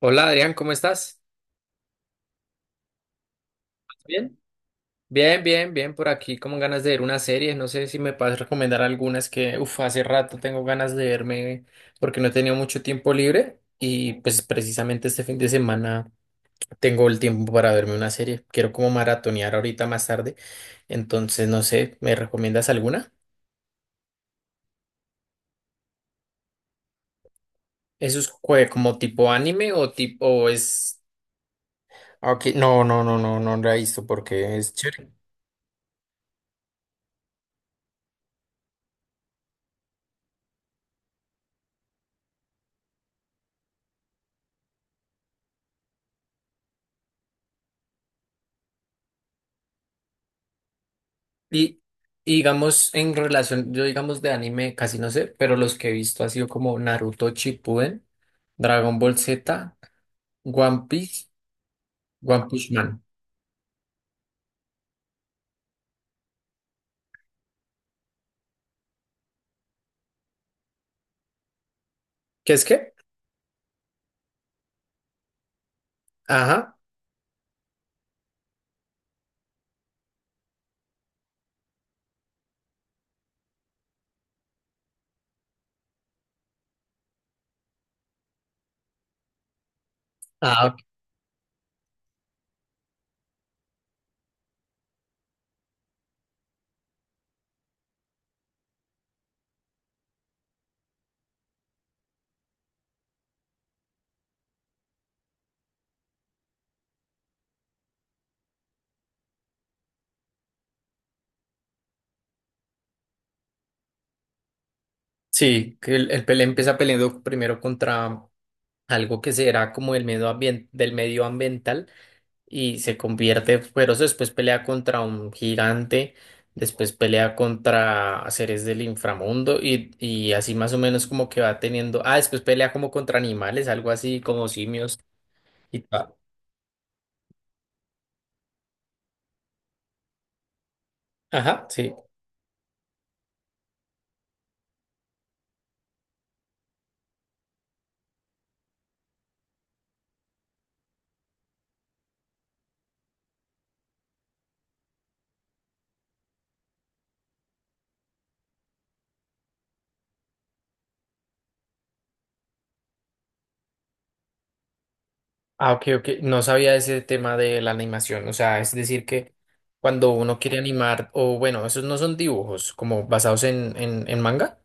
Hola Adrián, ¿cómo estás? Bien. Bien, bien, bien, por aquí como ganas de ver una serie, no sé si me puedes recomendar algunas que hace rato tengo ganas de verme porque no he tenido mucho tiempo libre y pues precisamente este fin de semana tengo el tiempo para verme una serie, quiero como maratonear ahorita más tarde, entonces no sé, ¿me recomiendas alguna? ¿Eso es como tipo anime o tipo o es... Ah, ok, no, no, no, no, no la he visto porque es chévere. Y, y digamos, en relación, yo digamos de anime casi no sé, pero los que he visto ha sido como Naruto Shippuden, Dragon Ball Z, One Piece, One Punch Man. ¿Qué es qué? Ajá. Ah, ok. Sí, que el pele empieza peleando primero contra algo que será como el del medio ambiental y se convierte, pero después pelea contra un gigante, después pelea contra seres del inframundo y así más o menos como que va teniendo. Ah, después pelea como contra animales, algo así como simios y tal. Ajá, sí. Ah, ok, ok. No sabía ese tema de la animación. O sea, es decir que cuando uno quiere animar, o bueno, esos no son dibujos como basados en, en manga.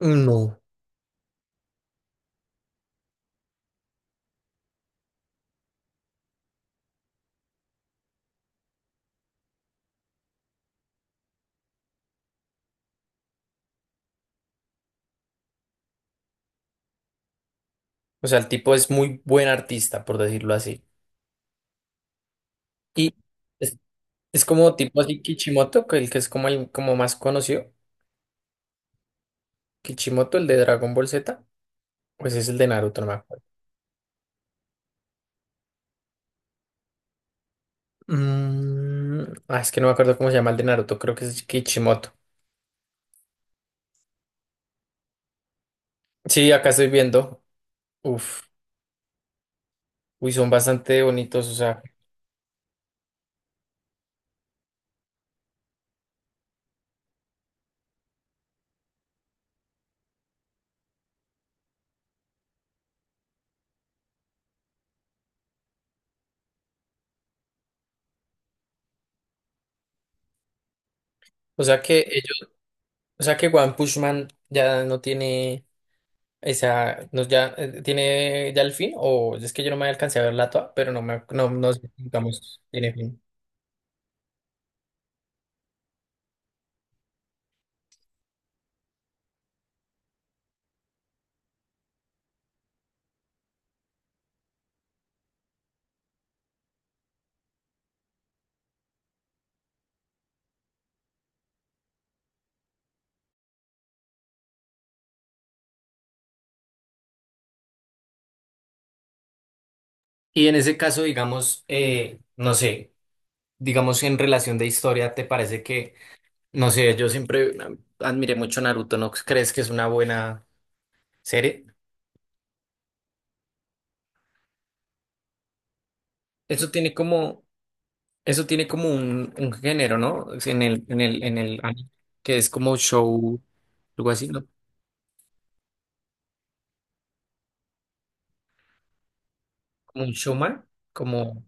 No. O sea, el tipo es muy buen artista, por decirlo así. Y es como tipo así Kishimoto, que el que es como el como más conocido. Kishimoto, el de Dragon Ball Z. Pues es el de Naruto, no me acuerdo. Mm, ah, es que no me acuerdo cómo se llama el de Naruto, creo que es Kishimoto. Sí, acá estoy viendo. Uf, uy, son bastante bonitos. O sea que ellos, o sea que One Punch Man ya no tiene esa, no, ya tiene ya el fin, o es que yo no me alcancé a ver la toa, pero no me, no, no sé, digamos, tiene fin. Y en ese caso, digamos, no sé. Digamos, en relación de historia, ¿te parece que, no sé, yo siempre admiré mucho Naruto, ¿no crees que es una buena serie? Eso tiene como, eso tiene como un género, ¿no? Es en el, en el, en el anime, que es como show, algo así, ¿no? Como un showman, como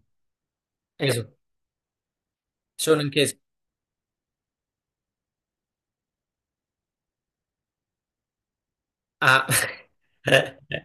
eso, shonen que es, ah,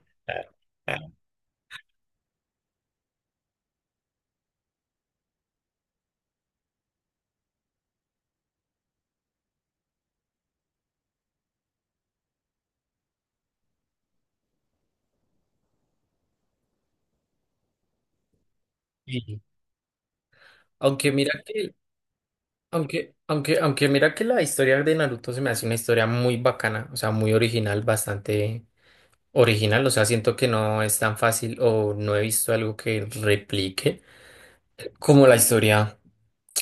Y aunque mira que, aunque, aunque, aunque mira que la historia de Naruto se me hace una historia muy bacana, o sea, muy original, bastante original, o sea, siento que no es tan fácil o no he visto algo que replique como la historia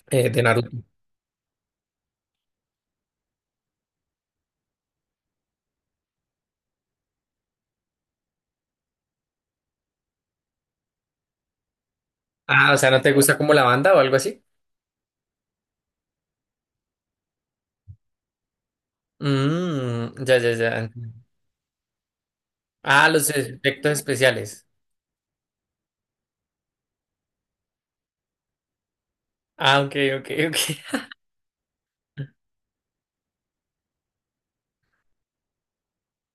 de Naruto. Ah, o sea, ¿no te gusta como la banda o algo así? Mm, ya, ya, ya. Ah, los efectos especiales. Ah, ok, ok, ok.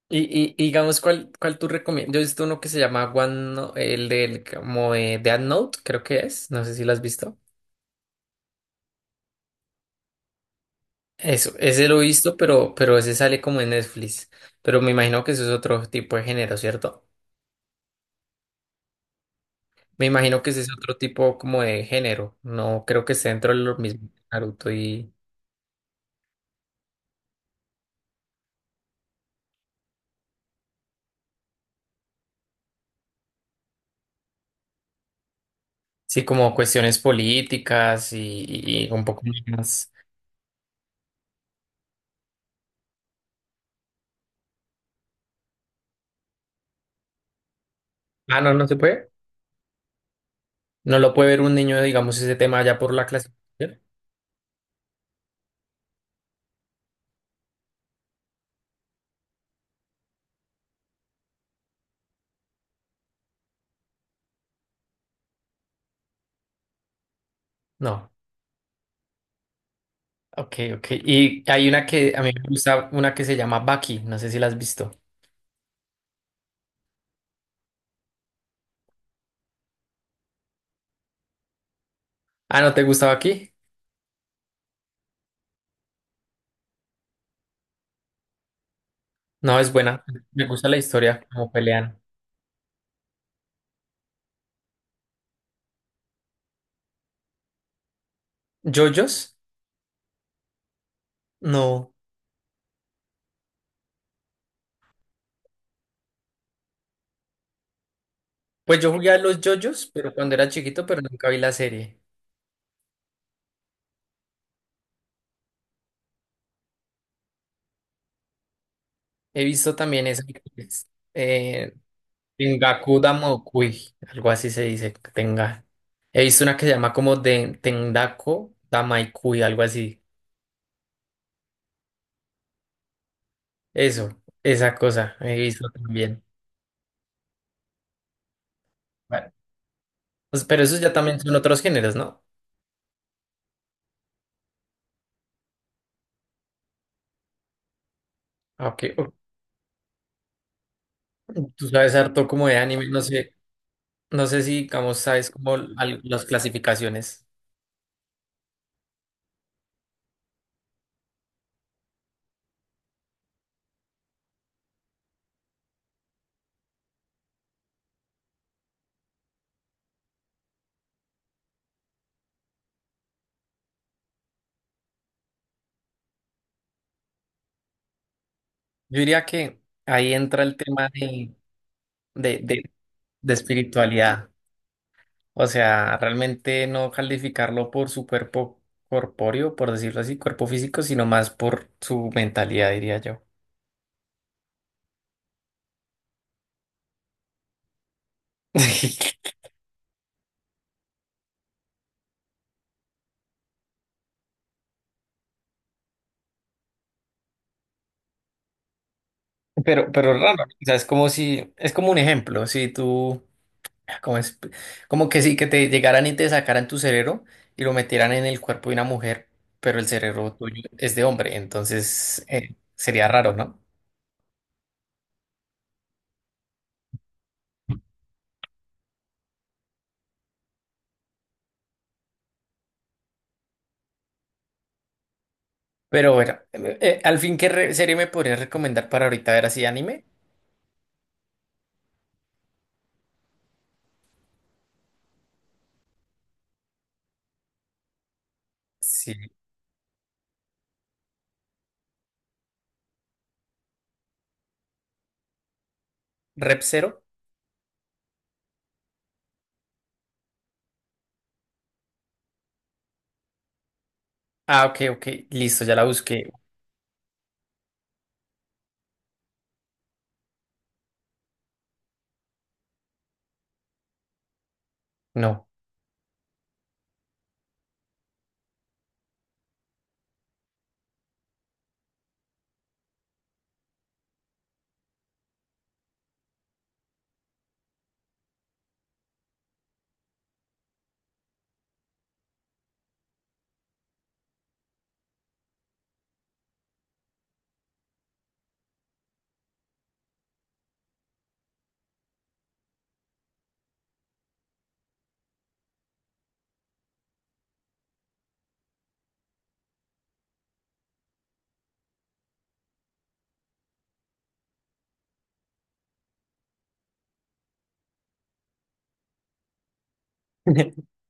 Y digamos, ¿cuál, cuál tú recomiendas? Yo he visto uno que se llama One, el del como de Death Note, creo que es. No sé si lo has visto. Eso, ese lo he visto, pero ese sale como en Netflix. Pero me imagino que eso es otro tipo de género, ¿cierto? Me imagino que ese es otro tipo como de género. No creo que esté dentro de lo mismo que Naruto y sí, como cuestiones políticas y un poco más. Ah, no, no se puede. No lo puede ver un niño, digamos, ese tema allá por la clasificación. No. Ok, ok. Y hay una que a mí me gusta, una que se llama Baki. No sé si la has visto. Ah, ¿no te gusta Baki? No, es buena. Me gusta la historia, como pelean. ¿Yoyos? No. Pues yo jugué a los yoyos, pero cuando era chiquito, pero nunca vi la serie. He visto también eso, que es, Tengaku Damokui, algo así se dice, tenga. He visto una que se llama como de Tendako Damaikui, algo así. Eso, esa cosa, he visto también. Bueno, pues, pero esos ya también son otros géneros, ¿no? Ah, ok, ok. Tú sabes harto como de anime, no sé, no sé si, digamos, sabes como las clasificaciones. Yo diría que ahí entra el tema de, de espiritualidad. O sea, realmente no calificarlo por su cuerpo corpóreo, por decirlo así, cuerpo físico, sino más por su mentalidad, diría yo. Pero raro, o sea, es como si, es como un ejemplo, si tú, como, es, como que sí, que te llegaran y te sacaran tu cerebro y lo metieran en el cuerpo de una mujer, pero el cerebro tuyo es de hombre, entonces sería raro, ¿no? Pero bueno, al fin, ¿qué serie me podrías recomendar para ahorita ver así anime? Sí, Rep Zero. Ah, ok, ok, listo, ya la busqué. No.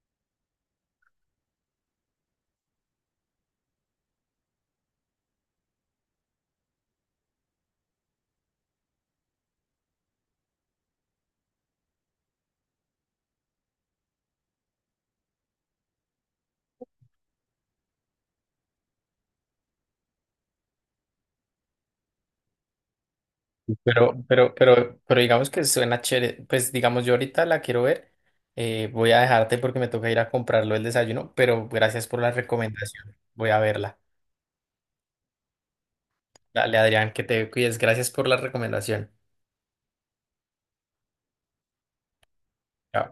Pero digamos que suena chévere. Pues digamos, yo ahorita la quiero ver. Voy a dejarte porque me toca ir a comprarlo el desayuno, pero gracias por la recomendación. Voy a verla. Dale, Adrián, que te cuides. Gracias por la recomendación. Chao.